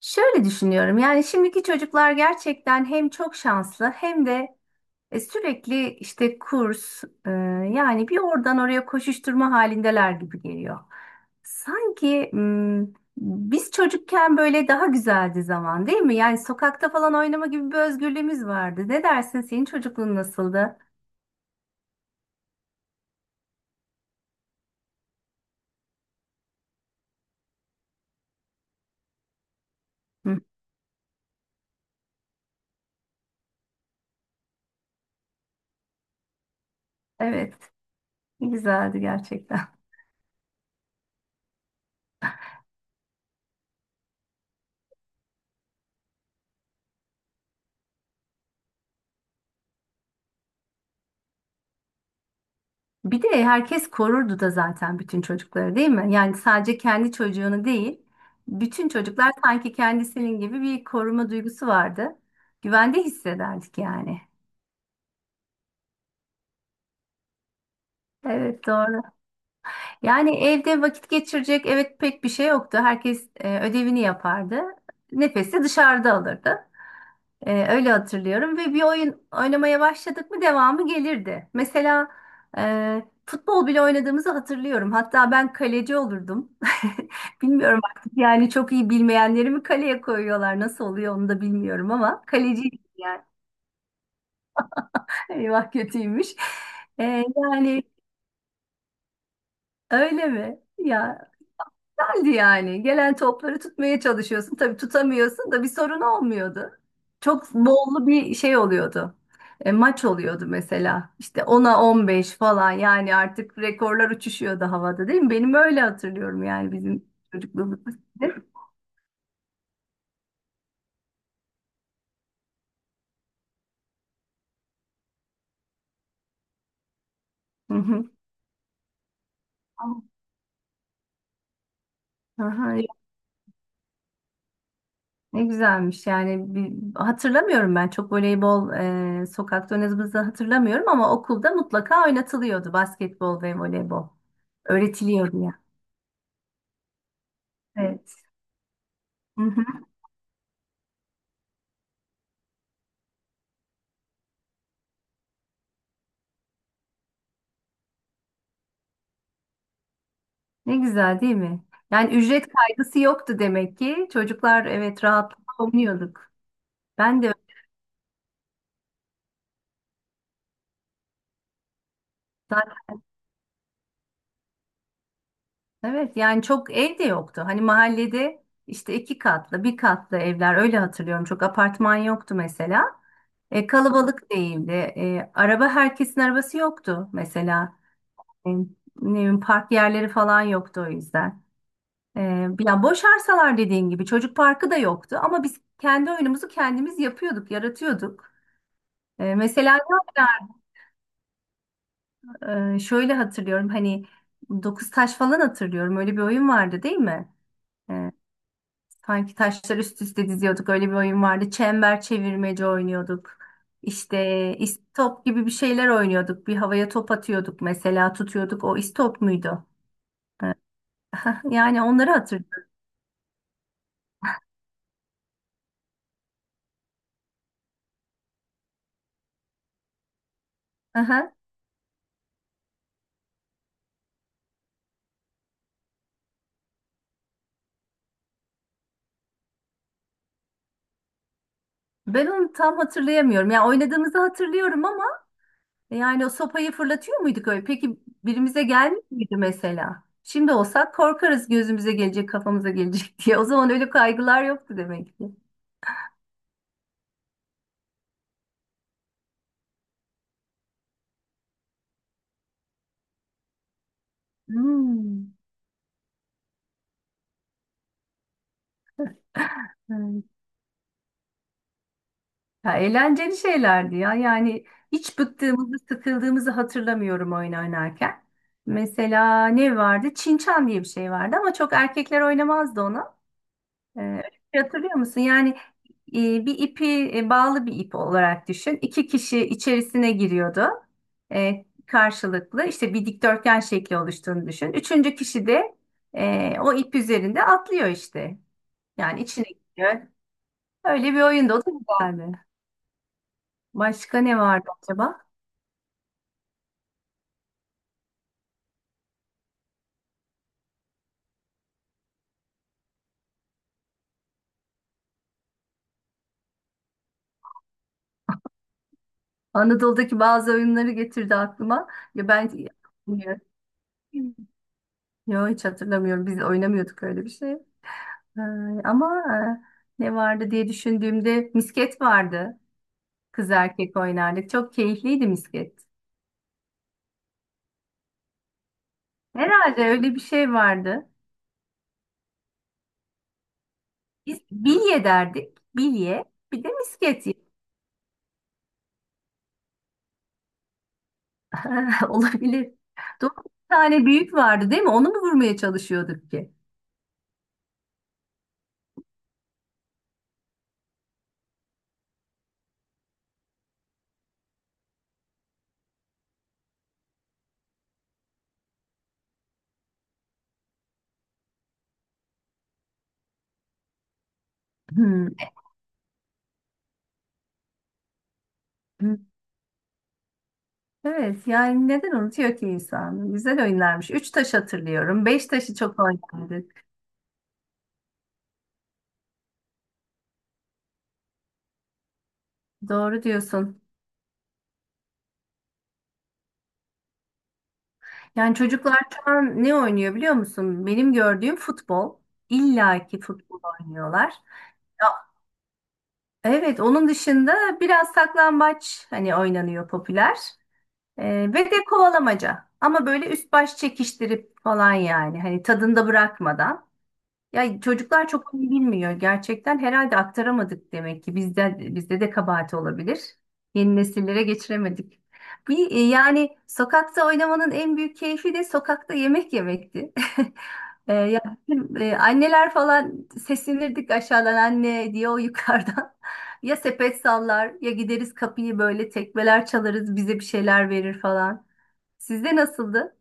Şöyle düşünüyorum yani şimdiki çocuklar gerçekten hem çok şanslı hem de sürekli işte kurs yani bir oradan oraya koşuşturma halindeler gibi geliyor. Sanki m, Biz çocukken böyle daha güzeldi zaman değil mi? Yani sokakta falan oynama gibi bir özgürlüğümüz vardı. Ne dersin, senin çocukluğun nasıldı? Hı, evet, güzeldi gerçekten. Bir de herkes korurdu da zaten bütün çocukları değil mi? Yani sadece kendi çocuğunu değil, bütün çocuklar sanki kendisinin gibi bir koruma duygusu vardı. Güvende hissederdik yani. Evet, doğru. Yani evde vakit geçirecek evet pek bir şey yoktu. Herkes ödevini yapardı. Nefesi dışarıda alırdı. Öyle hatırlıyorum ve bir oyun oynamaya başladık mı devamı gelirdi. Mesela futbol bile oynadığımızı hatırlıyorum. Hatta ben kaleci olurdum. Bilmiyorum artık yani çok iyi bilmeyenleri mi kaleye koyuyorlar, nasıl oluyor onu da bilmiyorum ama kaleciydim yani. Eyvah, kötüymüş. Ee, yani Öyle mi? Ya, şimdi yani gelen topları tutmaya çalışıyorsun. Tabii tutamıyorsun da bir sorun olmuyordu. Çok bollu bir şey oluyordu. E, maç oluyordu mesela. İşte ona 15 falan, yani artık rekorlar uçuşuyordu havada değil mi? Benim öyle hatırlıyorum yani bizim çocukluğumuzda. Hı hı. Aha, ne güzelmiş yani bir, hatırlamıyorum ben çok voleybol sokakta oynadığımızı hatırlamıyorum ama okulda mutlaka oynatılıyordu basketbol ve voleybol öğretiliyordu ya. Evet. Hı hı. Ne güzel değil mi? Yani ücret kaygısı yoktu demek ki. Çocuklar evet rahatlıkla oynuyorduk. Ben de zaten evet yani çok ev de yoktu. Hani mahallede işte iki katlı, bir katlı evler öyle hatırlıyorum. Çok apartman yoktu mesela. E, kalabalık değildi. E, araba herkesin arabası yoktu mesela. Ne bileyim, park yerleri falan yoktu o yüzden. E, ya boş arsalar dediğin gibi çocuk parkı da yoktu ama biz kendi oyunumuzu kendimiz yapıyorduk, yaratıyorduk. E, mesela Şöyle hatırlıyorum hani dokuz taş falan hatırlıyorum. Öyle bir oyun vardı değil mi? Ee, Sanki taşlar üst üste diziyorduk. Öyle bir oyun vardı. Çember çevirmece oynuyorduk. İşte istop gibi bir şeyler oynuyorduk. Bir havaya top atıyorduk mesela, tutuyorduk. O istop muydu? Ee, Yani onları hatırlıyorum. Aha. Ben onu tam hatırlayamıyorum. Ya oynadığımızı hatırlıyorum ama yani o sopayı fırlatıyor muyduk öyle? Peki birimize gelmiş miydi mesela? Şimdi olsak korkarız gözümüze gelecek, kafamıza gelecek diye. O zaman öyle kaygılar yoktu demek ki. Hmm, evet. Ya eğlenceli şeylerdi ya. Yani hiç bıktığımızı, sıkıldığımızı hatırlamıyorum oyun oynarken. Mesela ne vardı? Çinçan diye bir şey vardı ama çok erkekler oynamazdı onu. Öyle bir şey hatırlıyor musun? Yani bir ipi bağlı bir ip olarak düşün. İki kişi içerisine giriyordu. Karşılıklı işte bir dikdörtgen şekli oluştuğunu düşün. Üçüncü kişi de o ip üzerinde atlıyor işte. Yani içine giriyor. Öyle bir oyunda o da güzeldi. Başka ne vardı acaba? Anadolu'daki bazı oyunları getirdi aklıma. Ya ben bilmiyorum. Yok, hiç hatırlamıyorum. Biz oynamıyorduk öyle bir şey. Ee, ama Ne vardı diye düşündüğümde misket vardı. Kız erkek oynardık. Çok keyifliydi misket. Herhalde öyle bir şey vardı. Biz bilye derdik. Bilye. Bir de misket. Olabilir. Doğru. Bir tane büyük vardı değil mi? Onu mu vurmaya çalışıyorduk ki? Hmm, evet. Evet, yani neden unutuyor ki insan? Güzel oynarmış. Üç taş hatırlıyorum. Beş taşı çok oynardık. Doğru diyorsun. Yani çocuklar şu an ne oynuyor biliyor musun? Benim gördüğüm futbol. İlla ki futbol oynuyorlar. Ya, evet onun dışında biraz saklambaç hani oynanıyor, popüler. Ee, Ve de kovalamaca. Ama böyle üst baş çekiştirip falan yani. Hani tadında bırakmadan. Ya çocuklar çok iyi bilmiyor gerçekten. Herhalde aktaramadık demek ki. Bizde de kabahat olabilir. Yeni nesillere geçiremedik. Yani sokakta oynamanın en büyük keyfi de sokakta yemek yemekti. E, ya Bizim, anneler falan seslenirdik aşağıdan anne diye o yukarıdan. Ya sepet sallar ya gideriz kapıyı böyle tekmeler çalarız, bize bir şeyler verir falan. Sizde nasıldı?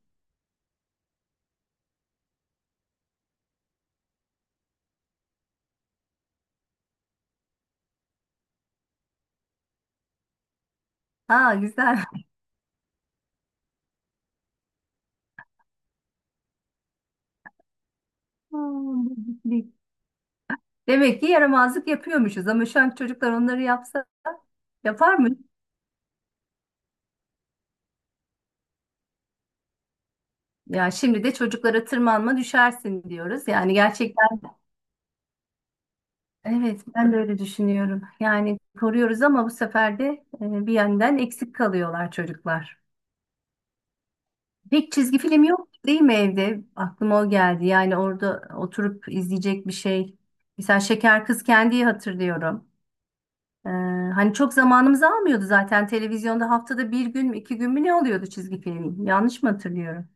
Ha, güzel. Hmm, demek ki yaramazlık yapıyormuşuz ama şu an çocuklar onları yapsa yapar mı? Ya şimdi de çocuklara tırmanma düşersin diyoruz. Yani gerçekten evet ben de öyle düşünüyorum. Yani koruyoruz ama bu sefer de bir yandan eksik kalıyorlar çocuklar. Pek çizgi film yok değil mi evde? Aklıma o geldi. Yani orada oturup izleyecek bir şey. Mesela Şeker Kız Kendi'yi hatırlıyorum. Ee, Hani çok zamanımızı almıyordu zaten, televizyonda haftada bir gün mü iki gün mü ne oluyordu çizgi film? Yanlış mı hatırlıyorum?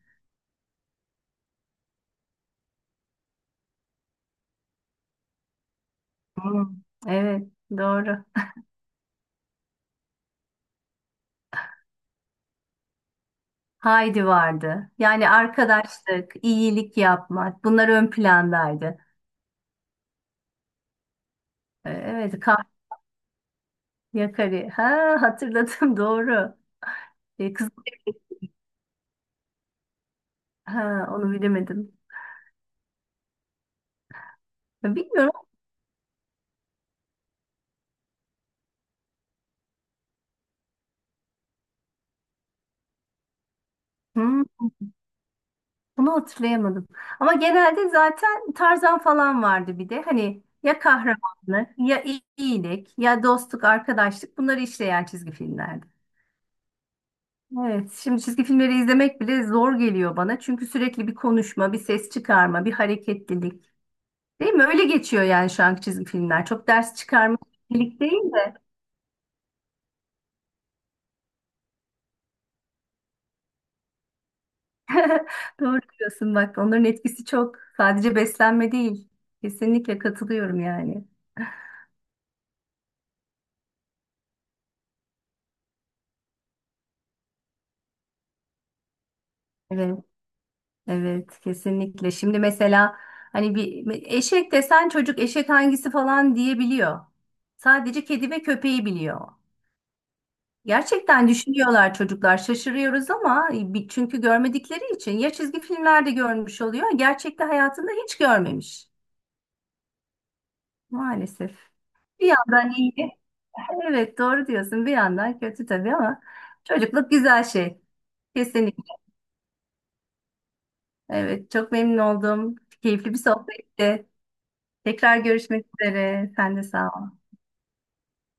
Hmm, evet, doğru. Haydi vardı. Yani arkadaşlık, iyilik yapmak, bunlar ön plandaydı. Evet, kah Yakarı. Ha, hatırladım, doğru. Ee, kız, ha, onu bilemedim. Ya, bilmiyorum. Hmm, bunu hatırlayamadım. Ama genelde zaten Tarzan falan vardı bir de. Hani ya kahramanlık, ya iyilik, ya dostluk, arkadaşlık, bunları işleyen çizgi filmlerdi. Evet, şimdi çizgi filmleri izlemek bile zor geliyor bana. Çünkü sürekli bir konuşma, bir ses çıkarma, bir hareketlilik. Değil mi? Öyle geçiyor yani şu anki çizgi filmler. Çok ders çıkarma birlik değil de. Doğru diyorsun bak. Onların etkisi çok. Sadece beslenme değil. Kesinlikle katılıyorum yani. Evet, evet kesinlikle. Şimdi mesela hani bir eşek desen çocuk eşek hangisi falan diyebiliyor. Sadece kedi ve köpeği biliyor. Gerçekten düşünüyorlar çocuklar. Şaşırıyoruz ama bir- çünkü görmedikleri için ya çizgi filmlerde görmüş oluyor, gerçekte hayatında hiç görmemiş. Maalesef. Bir yandan iyi. Evet, doğru diyorsun. Bir yandan kötü tabii ama çocukluk güzel şey. Kesinlikle. Evet, çok memnun oldum. Keyifli bir sohbetti. Tekrar görüşmek üzere. Sen de sağ ol.